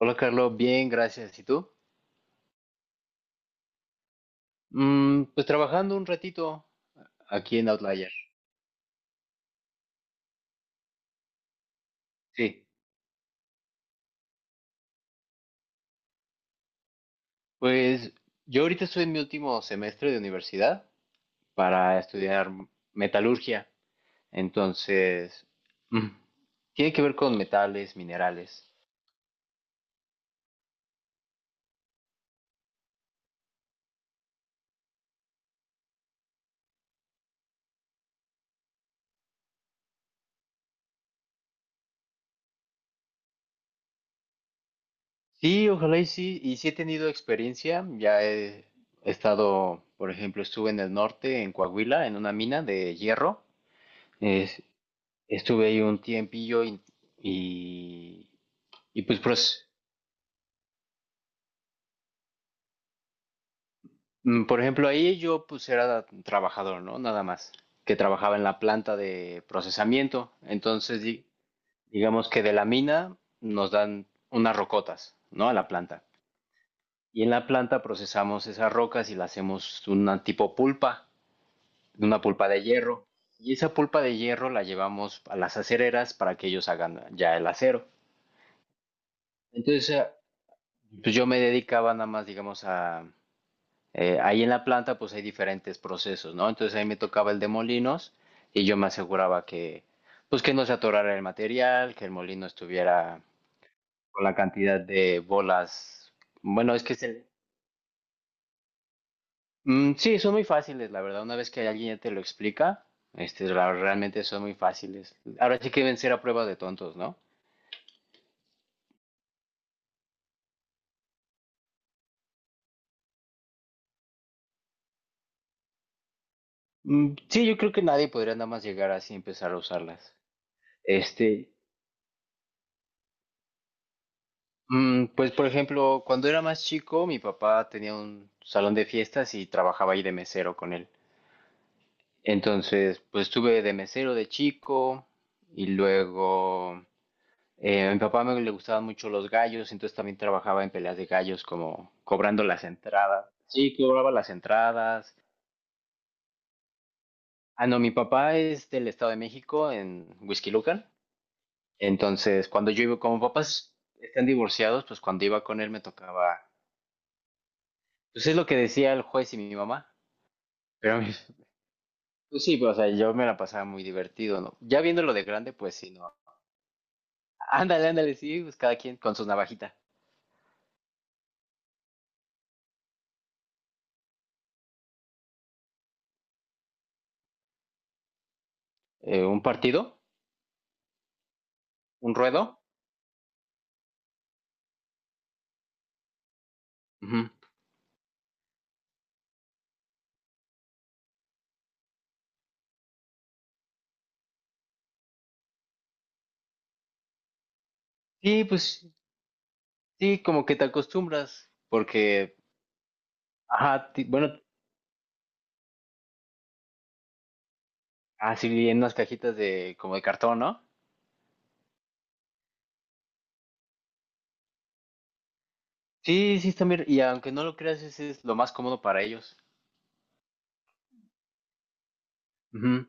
Hola Carlos, bien, gracias. ¿Y tú? Pues trabajando un ratito aquí en Outlier. Sí, pues yo ahorita estoy en mi último semestre de universidad para estudiar metalurgia. Entonces, mm, tiene que ver con metales, minerales. Sí, ojalá y sí. Y sí he tenido experiencia. Ya he estado, por ejemplo, estuve en el norte, en Coahuila, en una mina de hierro. Es- Estuve ahí un tiempillo y, y pues por ejemplo, ahí yo pues era trabajador, ¿no? Nada más, que trabajaba en la planta de procesamiento. Entonces, digamos que de la mina nos dan unas rocotas, ¿no? A la planta. Y en la planta procesamos esas rocas y la hacemos una tipo pulpa, una pulpa de hierro. Y esa pulpa de hierro la llevamos a las acereras para que ellos hagan ya el acero. Entonces, pues yo me dedicaba nada más, digamos, a, ahí en la planta pues hay diferentes procesos, ¿no? Entonces ahí me tocaba el de molinos y yo me aseguraba que pues que no se atorara el material, que el molino estuviera con la cantidad de bolas. Bueno, es que es mm, sí, son muy fáciles, la verdad. Una vez que alguien ya te lo explica, este, realmente son muy fáciles. Ahora sí que deben ser a prueba de tontos, ¿no? Mm, sí, yo creo que nadie podría nada más llegar así y empezar a usarlas. Este, pues por ejemplo, cuando era más chico, mi papá tenía un salón de fiestas y trabajaba ahí de mesero con él. Entonces, pues estuve de mesero de chico y luego a mi papá me le gustaban mucho los gallos, entonces también trabajaba en peleas de gallos como cobrando las entradas. Sí, cobraba las entradas. Ah, no, mi papá es del Estado de México, en Huixquilucan. Entonces, cuando yo iba, como papás están divorciados, pues cuando iba con él me tocaba, pues es lo que decía el juez y mi mamá. Pero pues sí, pues, o sea, yo me la pasaba muy divertido, ¿no? Ya viéndolo de grande, pues sí, no. Ándale, ándale, sí, pues cada quien con su navajita. Un partido, un ruedo. Ujú. Sí, pues sí, como que te acostumbras, porque, ajá, bueno, así en unas cajitas de como de cartón, ¿no? Sí, sí, también, y aunque no lo creas, ese es lo más cómodo para ellos. Ujú.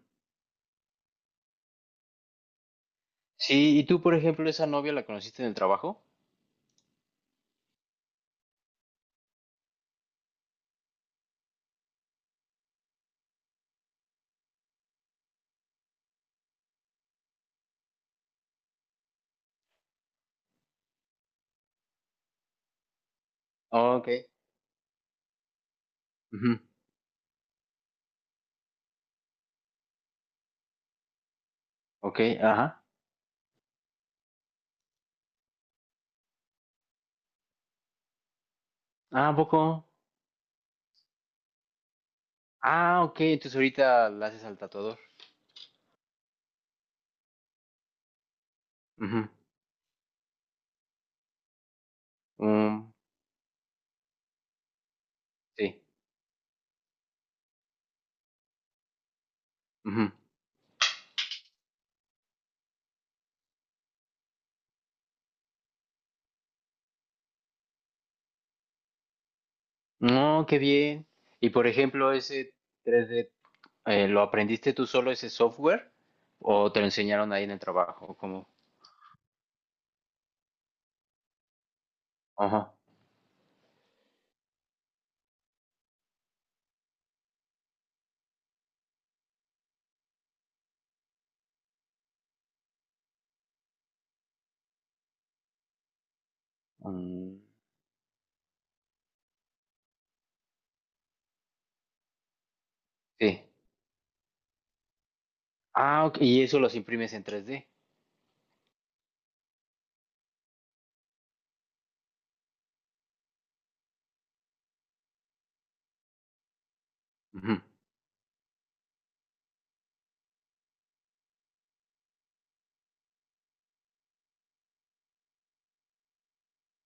Sí, y tú, por ejemplo, esa novia la conociste en el trabajo. Oh, ok. Ujú. Ok, ajá. Ah, ¿a poco? Ah, ok, entonces ahorita la haces al tatuador. Ujú, mm, sí. Ujú. No, qué bien. Y por ejemplo, ese 3D ¿lo aprendiste tú solo ese software? ¿O te lo enseñaron ahí en el trabajo? ¿Cómo? Ajá. Mm, sí. Ah, ok, y eso los imprimes en 3D. Ujú.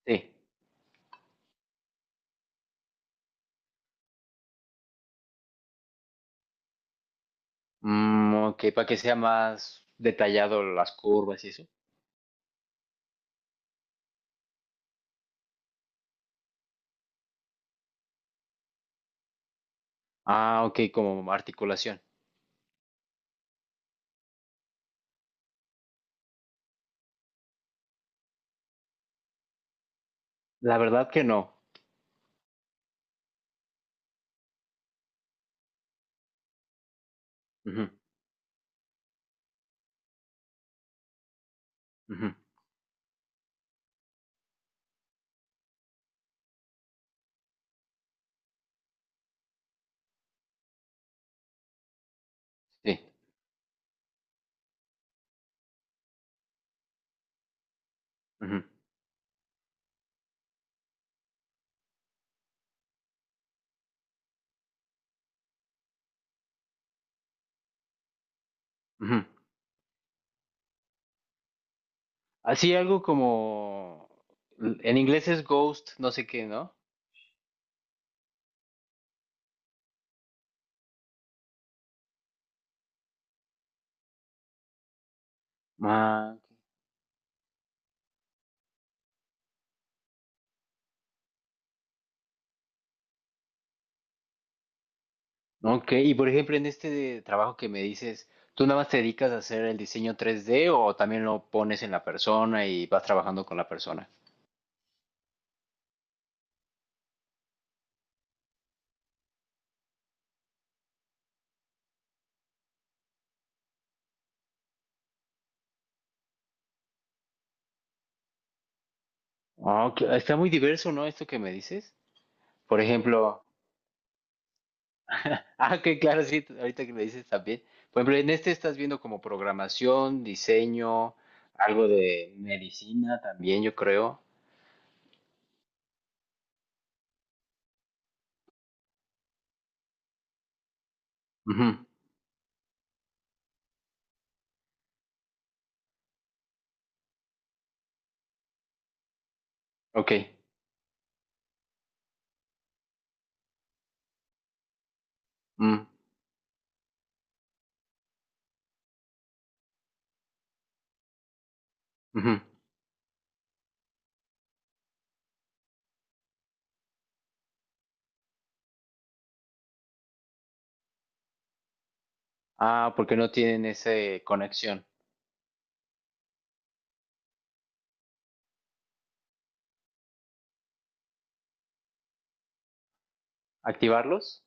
Sí. Mm, ok, para que sea más detallado las curvas y eso. Ah, ok, como articulación. La verdad que no. Ujú, ujú, sí. Ujú, ujú. Así algo como, en inglés es ghost, no sé qué, ¿no? Ah, ok. Y por ejemplo, en este de trabajo que me dices, ¿tú nada más te dedicas a hacer el diseño 3D o también lo pones en la persona y vas trabajando con la persona? Ah, ok, está muy diverso, ¿no? Esto que me dices. Por ejemplo, ah, que claro, sí, ahorita que me dices también. Por ejemplo, en este estás viendo como programación, diseño, algo de medicina también, yo creo. Ujú, ok. Mm, ujú. Ah, porque no tienen esa conexión. ¿Activarlos?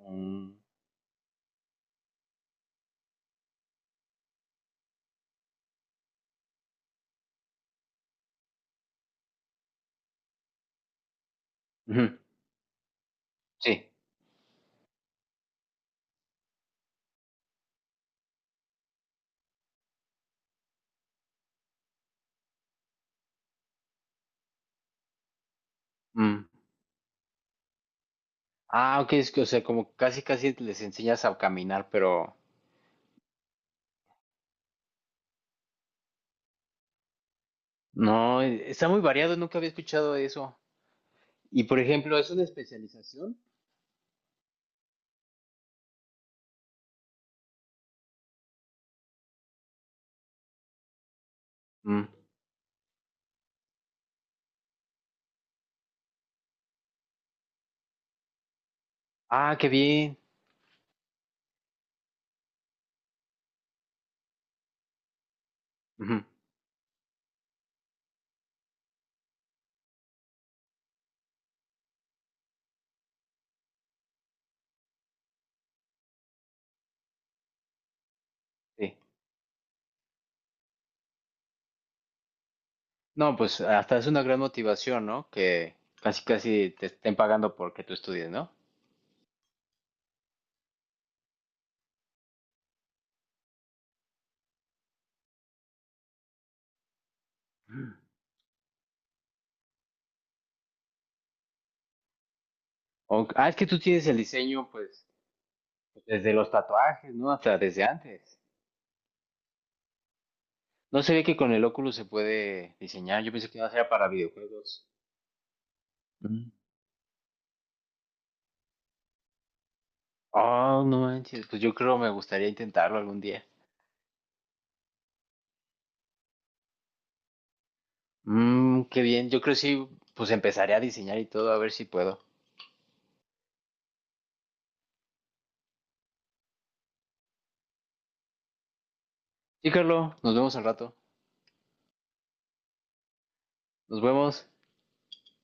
Mm, ujú, sí. Mm. Ah, ok, es que, o sea, como casi casi les enseñas a caminar, pero no, está muy variado, nunca había escuchado eso. Y por ejemplo, ¿es una especialización? Mm. Ah, qué bien. Ujú, sí. No, pues hasta es una gran motivación, ¿no? Que casi casi te estén pagando porque tú estudies, ¿no? Mm. Ah, es que tú tienes el diseño, pues, desde los tatuajes, ¿no? Hasta desde antes. No sabía que con el Oculus se puede diseñar. Yo pensé que no era para videojuegos. Mm. Oh, no manches. Pues yo creo me gustaría intentarlo algún día. Mm, qué bien. Yo creo sí, pues empezaré a diseñar y todo, a ver si puedo. Sí, Carlos, nos vemos al rato. Nos vemos.